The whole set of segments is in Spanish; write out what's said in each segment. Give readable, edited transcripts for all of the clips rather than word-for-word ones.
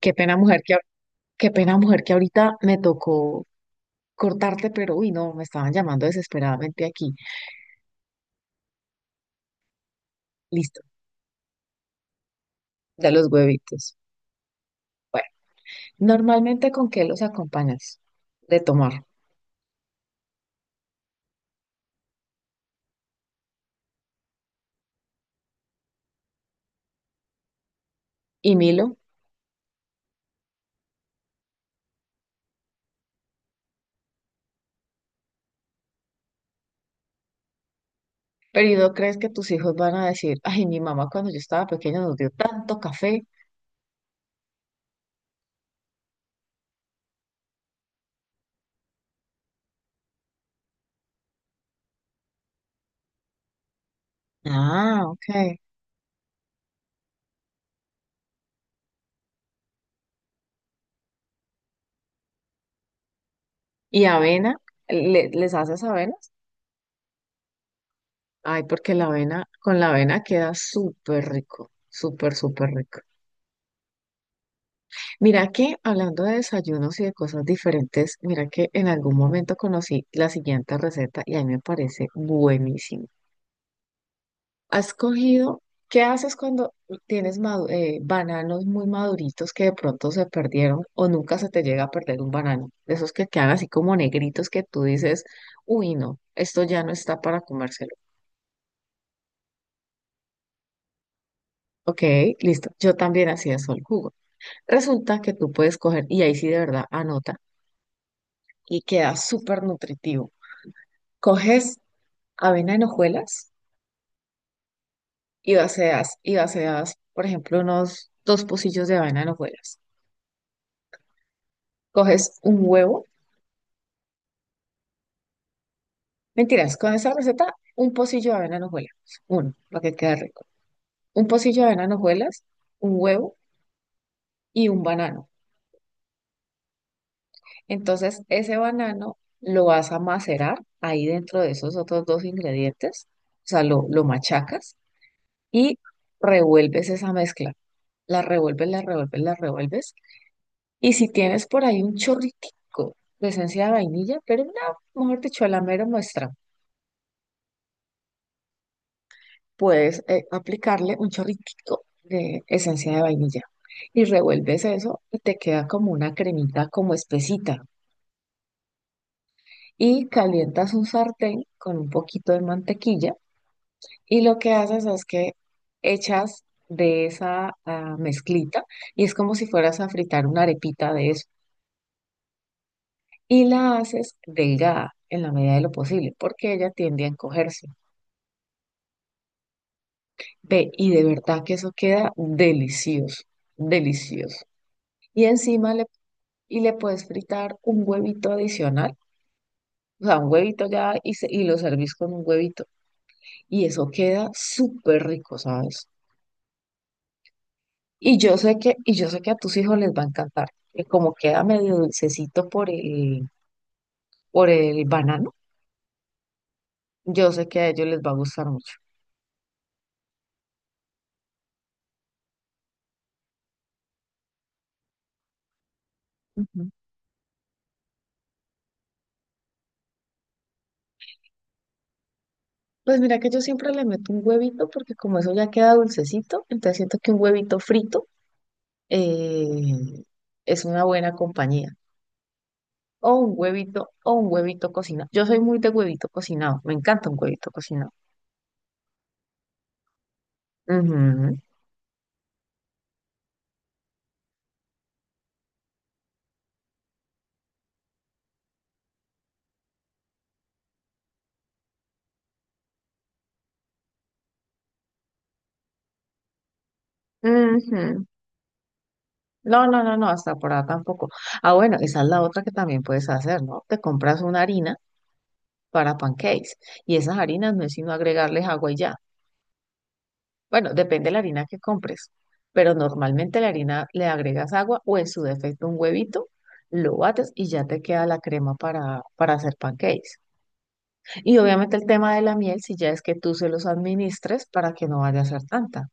Qué pena, mujer, qué pena, mujer, que ahorita me tocó cortarte, pero uy, no, me estaban llamando desesperadamente aquí. Listo, de los huevitos. Bueno, normalmente, ¿con qué los acompañas? De tomar. ¿Y Milo, pero no crees que tus hijos van a decir, ay, mi mamá cuando yo estaba pequeña nos dio tanto café? Ah, ok. ¿Y avena? ¿Les haces avenas? Ay, porque la avena, con la avena queda súper rico, súper, súper rico. Mira que hablando de desayunos y de cosas diferentes, mira que en algún momento conocí la siguiente receta y a mí me parece buenísimo. Has cogido, ¿qué haces cuando tienes bananos muy maduritos que de pronto se perdieron o nunca se te llega a perder un banano? De esos que quedan así como negritos que tú dices, uy, no, esto ya no está para comérselo. Ok, listo. Yo también hacía eso, el jugo. Resulta que tú puedes coger, y ahí sí de verdad anota, y queda súper nutritivo. Coges avena en hojuelas y vacías, por ejemplo, unos dos pocillos de avena en hojuelas. Coges un huevo, mentiras, con esa receta, un pocillo de avena en hojuelas, uno, para que quede rico. Un pocillo de avena en hojuelas, un huevo y un banano. Entonces, ese banano lo vas a macerar ahí dentro de esos otros dos ingredientes, o sea, lo machacas y revuelves esa mezcla. La revuelves, la revuelves, la revuelves. Y si tienes por ahí un chorritico de esencia de vainilla, pero no, mejor dicho, a la mera muestra, puedes aplicarle un chorritico de esencia de vainilla. Y revuelves eso y te queda como una cremita, como espesita. Y calientas un sartén con un poquito de mantequilla y lo que haces es que echas de esa mezclita y es como si fueras a fritar una arepita de eso. Y la haces delgada en la medida de lo posible porque ella tiende a encogerse. Ve, y de verdad que eso queda delicioso, delicioso. Y y le puedes fritar un huevito adicional, o sea, un huevito ya y, y lo servís con un huevito. Y eso queda súper rico, ¿sabes? Y yo sé que, y yo sé que a tus hijos les va a encantar, que como queda medio dulcecito por el banano, yo sé que a ellos les va a gustar mucho. Ujú. Pues mira que yo siempre le meto un huevito porque como eso ya queda dulcecito, entonces siento que un huevito frito eh, es una buena compañía. O un huevito cocinado. Yo soy muy de huevito cocinado, me encanta un huevito cocinado. Ujú, ujú. No, no, no, no, hasta por ahora tampoco. Ah, bueno, esa es la otra que también puedes hacer, ¿no? Te compras una harina para pancakes y esas harinas no es sino agregarles agua y ya. Bueno, depende de la harina que compres, pero normalmente la harina le agregas agua o en su defecto un huevito, lo bates y ya te queda la crema para hacer pancakes. Y obviamente el tema de la miel, si ya es que tú se los administres para que no vaya a ser tanta.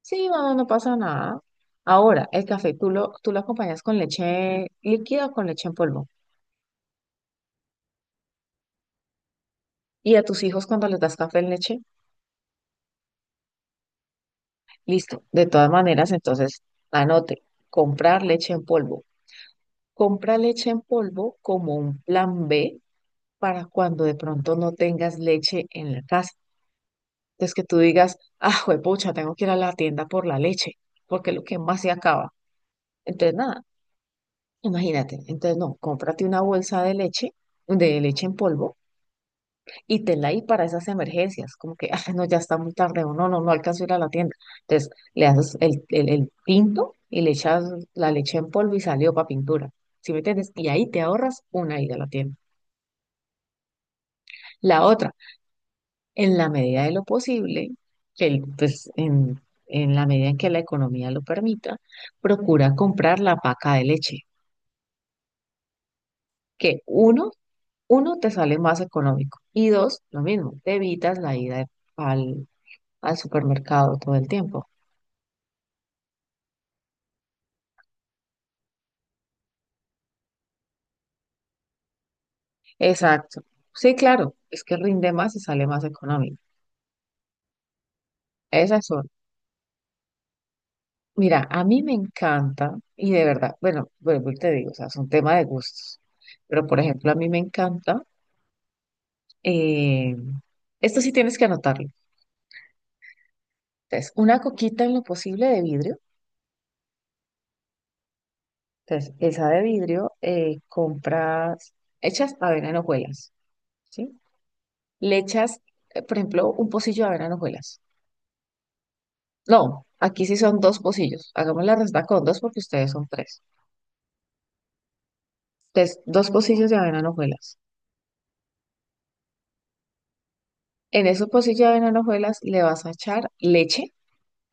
Sí, no, no pasa nada. Ahora, el café tú lo acompañas con leche líquida o con leche en polvo. Y a tus hijos cuando les das café en leche, listo. De todas maneras, entonces, anote, comprar leche en polvo. Compra leche en polvo como un plan B para cuando de pronto no tengas leche en la casa. Entonces que tú digas, ah, juepucha, tengo que ir a la tienda por la leche, porque es lo que más se acaba. Entonces, nada. Imagínate, entonces no, cómprate una bolsa de leche en polvo, y tenla ahí para esas emergencias, como que, ah, no, ya está muy tarde, o no, no, no alcanzo a ir a la tienda. Entonces le haces el pinto y le echas la leche en polvo y salió para pintura, ¿sí me entiendes? Y ahí te ahorras una ida a la tienda. La otra, en la medida de lo posible, que el- pues en la medida en que la economía lo permita, procura comprar la paca de leche, que uno, te sale más económico. Y dos, lo mismo, te evitas la ida de- al, al supermercado todo el tiempo. Exacto. Sí, claro, es que rinde más y sale más económico. Esas son. Mira, a mí me encanta, y de verdad, bueno, vuelvo y te digo, o sea, es un tema de gustos. Pero, por ejemplo, a mí me encanta, eh, esto sí tienes que anotarlo. Entonces, una coquita en lo posible de vidrio. Entonces, esa de vidrio, compras, hechas avena en hojuelas. ¿Sí? Le echas, por ejemplo, un pocillo de avena en hojuelas. No, aquí sí son dos pocillos. Hagamos la resta con dos porque ustedes son tres. Entonces, dos pocillos de avena en hojuelas. En esos pocillos de avena en hojuelas le vas a echar leche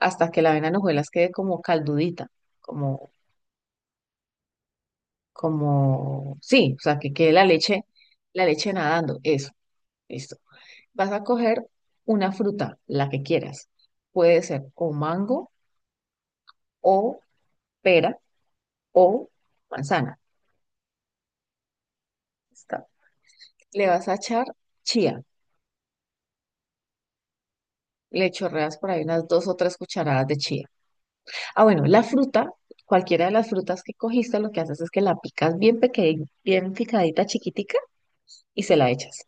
hasta que la avena en hojuelas quede como caldudita, como, como, sí, o sea, que quede la leche nadando. Eso, listo. Vas a coger una fruta, la que quieras. Puede ser o mango o pera o manzana. Le vas a echar chía. Le chorreas por ahí unas dos o tres cucharadas de chía. Ah, bueno, la fruta, cualquiera de las frutas que cogiste, lo que haces es que la picas bien pequeña, bien picadita, chiquitica, y se la echas.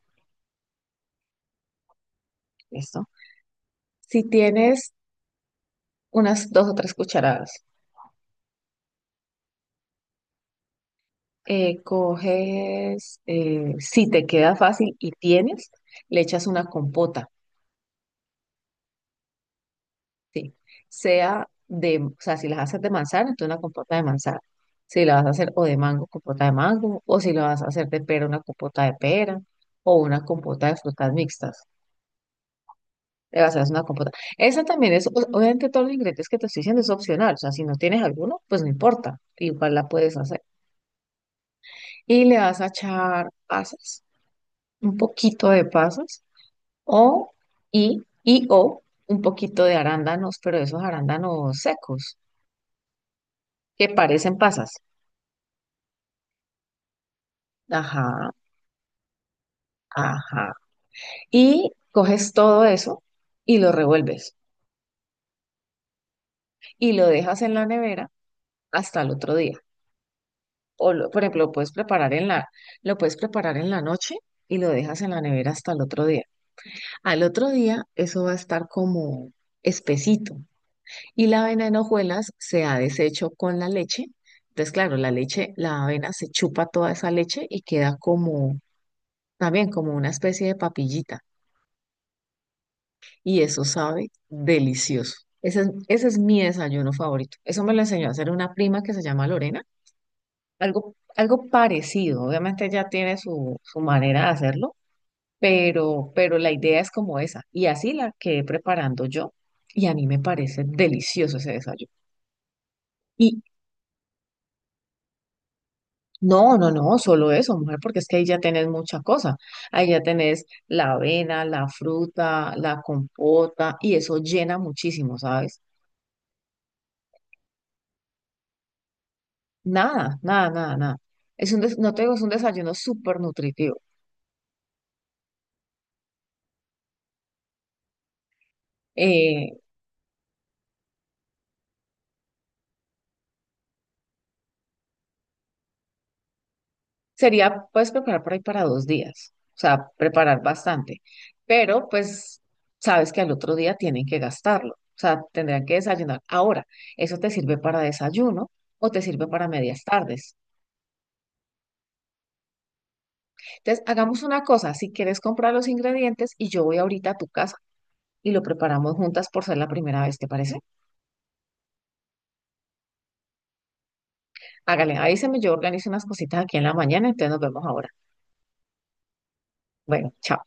¿Listo? Si tienes unas dos o tres cucharadas, si te queda fácil y tienes, le echas una compota. Sí, o sea, si las haces de manzana, entonces una compota de manzana. Si la vas a hacer o de mango, compota de mango, o si la vas a hacer de pera, una compota de pera, o una compota de frutas mixtas. Le vas a hacer una compota. Esa también es, obviamente todos los ingredientes que te estoy diciendo es opcional, o sea, si no tienes alguno, pues no importa, igual la puedes hacer. Y le vas a echar pasas, un poquito de pasas, o, o un poquito de arándanos, pero esos arándanos secos, que parecen pasas. Ajá, ajá. Y coges todo eso y lo revuelves y lo dejas en la nevera hasta el otro día. Por ejemplo, lo puedes preparar en la noche y lo dejas en la nevera hasta el otro día. Al otro día eso va a estar como espesito y la avena en hojuelas se ha deshecho con la leche. Entonces, claro, la leche, la avena se chupa toda esa leche y queda como también como una especie de papillita. Y eso sabe delicioso. Ese es mi desayuno favorito. Eso me lo enseñó a hacer una prima que se llama Lorena. Algo parecido. Obviamente ella tiene su manera de hacerlo, pero la idea es como esa. Y así la quedé preparando yo. Y a mí me parece delicioso ese desayuno. Y no, no, no, solo eso, mujer, porque es que ahí ya tenés mucha cosa. Ahí ya tenés la avena, la fruta, la compota, y eso llena muchísimo, ¿sabes? Nada, nada, nada, nada. Es un no te digo, es un desayuno súper nutritivo. Eh, puedes preparar por ahí para dos días, o sea, preparar bastante, pero pues sabes que al otro día tienen que gastarlo, o sea, tendrán que desayunar. Ahora, eso te sirve para desayuno o te sirve para medias tardes. Entonces, hagamos una cosa, si quieres comprar los ingredientes y yo voy ahorita a tu casa y lo preparamos juntas por ser la primera vez, ¿te parece? Hágale, avísame, yo organizo unas cositas aquí en la mañana, entonces nos vemos ahora. Bueno, chao.